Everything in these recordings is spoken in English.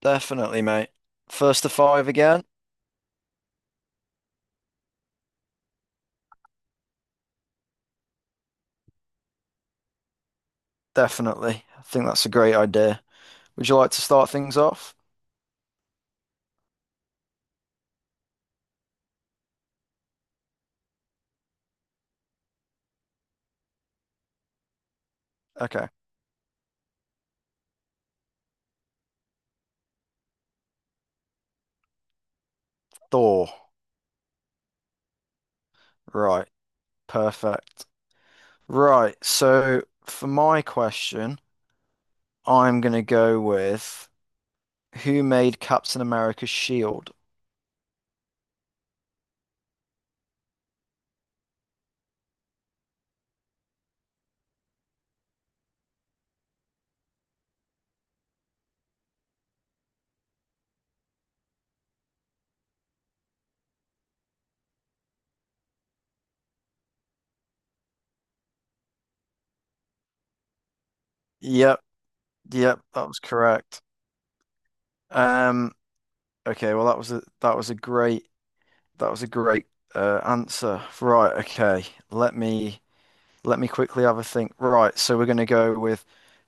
Definitely, mate. First to five again? Definitely. I think that's a great idea. Would you like to start things off? Okay. Thor. Right. Perfect. Right. So for my question, I'm gonna go with who made Captain America's shield? Yep. Yep. That was correct. Um. Okay. Well, that was a great that was a great answer. Right. Okay. Let me. Let me quickly have a think. Right, so we're going to go with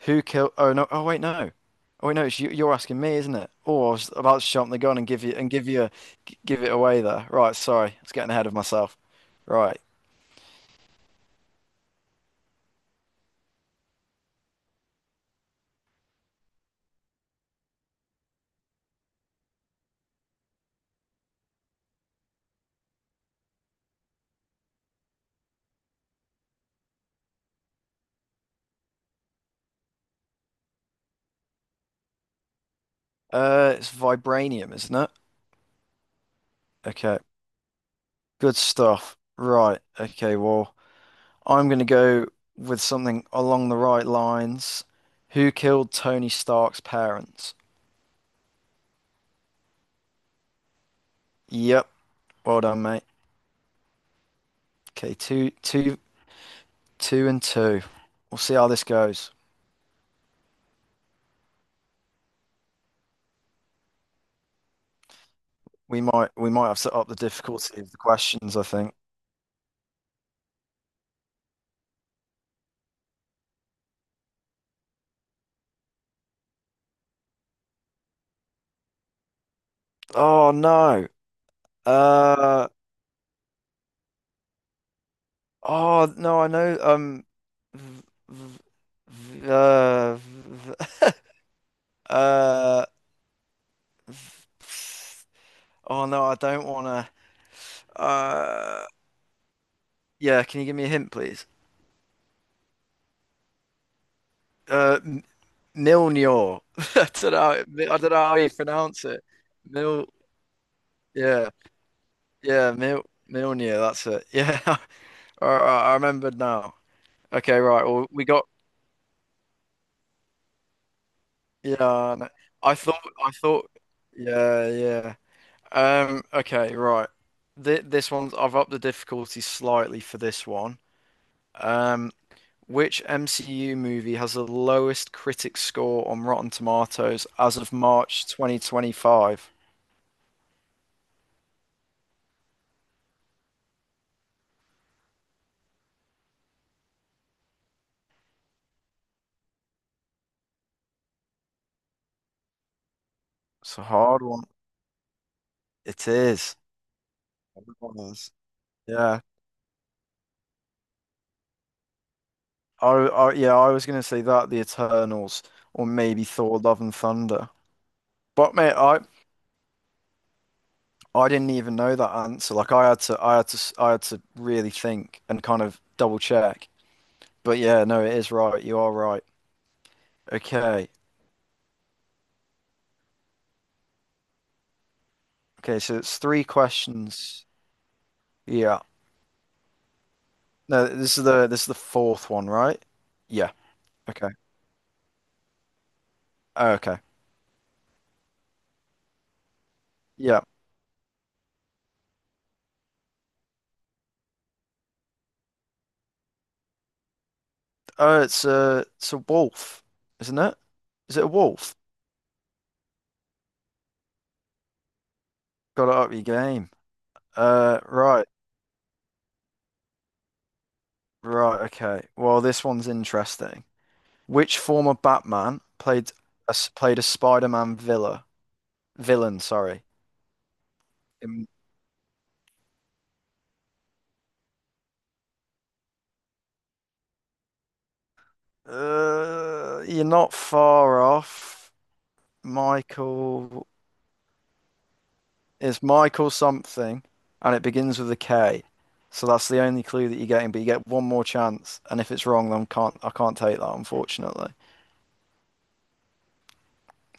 who killed. Oh no! Oh wait, no. Oh wait, no. It's you're asking me, isn't it? Oh, I was about to jump the gun and give you give it away there. Right, sorry, I was getting ahead of myself. Right, it's vibranium, isn't it? Okay, good stuff. Right, okay. Well, I'm going to go with something along the right lines. Who killed Tony Stark's parents? Yep. Well done, mate. Okay, two and two. We'll see how this goes. We might have set up the difficulty of the questions, I think. Oh no. Uh oh no, I know v- v- v- v- uh oh no, I don't wanna uh yeah, can you give me a hint please? Uh M- Milnor. I don't know how you pronounce it. Mil yeah, yeah, Mil Milnir, that's it. Yeah. I I remembered now. Okay, right. Well, we got yeah. no. I thought I thought yeah, yeah. Okay, right. Th This one's I've upped the difficulty slightly for this one. Um. Which MCU movie has the lowest critic score on Rotten Tomatoes as of March 2025? It's a hard one. It is. It was. Yeah. I yeah, I was gonna say that, The Eternals, or maybe Thor: Love and Thunder. But mate, I didn't even know that answer. Like I had to really think and kind of double check. But yeah, no, it is right. You are right. Okay. Okay. So it's three questions. Yeah. No, this is the fourth one, right? Yeah. Okay. Oh, okay. Yeah. Oh, it's a wolf, isn't it? Is it a wolf? Got to up your game. Right. Right. Okay. Well, this one's interesting. Which former Batman played a Spider-Man villa? Villain, sorry. Um, you're not far off. Michael Michael something, and it begins with a K. So that's the only clue that you're getting, but you get one more chance, and if it's wrong, then can't I can't take that, unfortunately.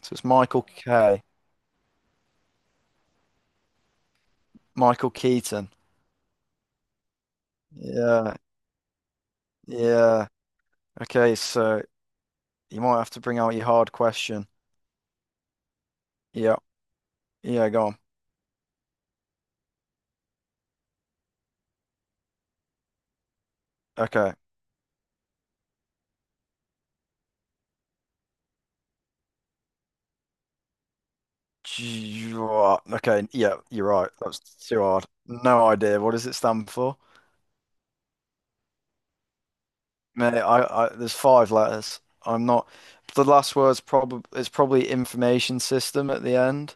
So it's Michael K. Michael Keaton. Yeah, yeah. Okay, so you might have to bring out your hard question. Yeah, yeah, go on. Okay. Okay, yeah, you're right. That was too hard. No idea. What does it stand for? Mate, I there's five letters. I'm not. The last word's probably it's probably information system at the end.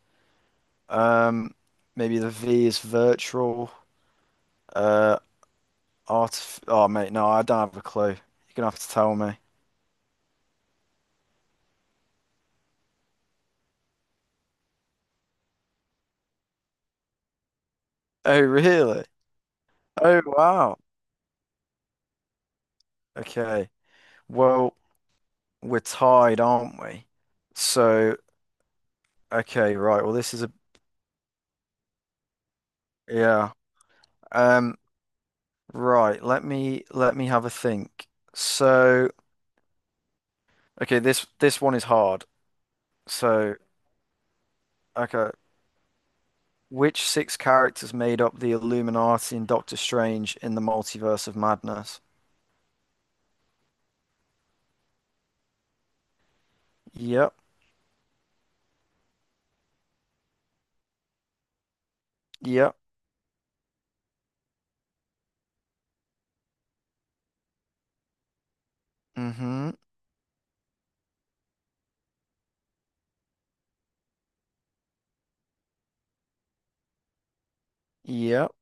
Um, maybe the V is virtual. Uh, artif. Oh, mate, no, I don't have a clue. You're gonna have to tell me. Oh, really? Oh, wow. Okay. Well, we're tied, aren't we? So, okay, right. Well, this is a yeah. Um. Right, let me have a think. So, okay, this one is hard. So, okay, which six characters made up the Illuminati and Doctor Strange in the Multiverse of Madness? Yep, yep, mm-hmm, yep,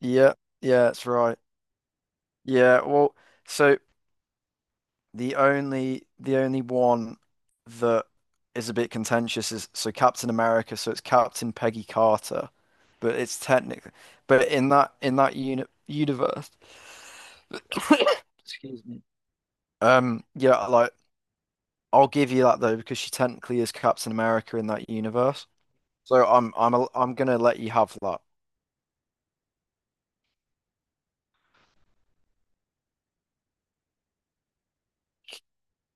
yep, yeah, that's right. Yeah, well, so the only one that is a bit contentious is so Captain America, so it's Captain Peggy Carter, but it's technically but in that universe. Excuse me. Yeah, like I'll give you that though because she technically is Captain America in that universe. So I'm gonna let you have that.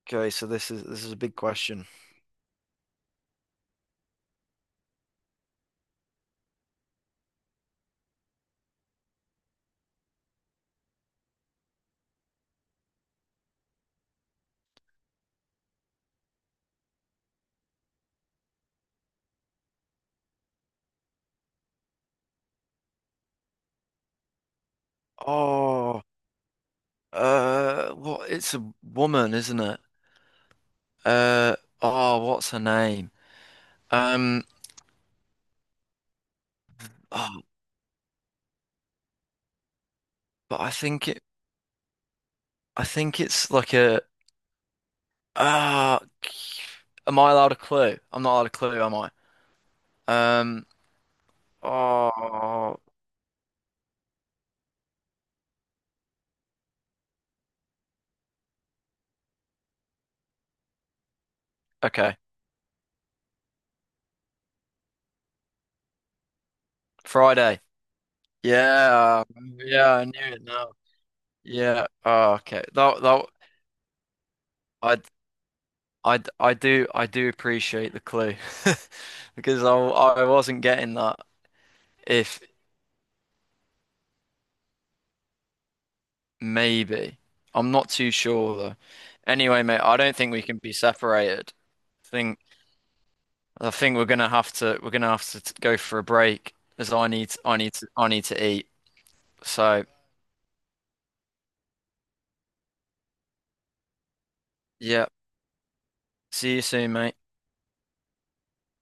Okay, so this is a big question. Oh, well, it's a woman, isn't it? Uh oh, what's her name? Um oh, but I think it's like a ah am I allowed a clue? I'm not allowed a clue, am I? Um oh okay. Friday. Yeah. Yeah, I knew it now. Yeah. Oh, okay. That that I I do appreciate the clue because I wasn't getting that if Maybe. I'm not too sure though. Anyway, mate, I don't think we can be separated. I think I think we're gonna have to go for a break as I need to eat. So yeah, see you soon, mate.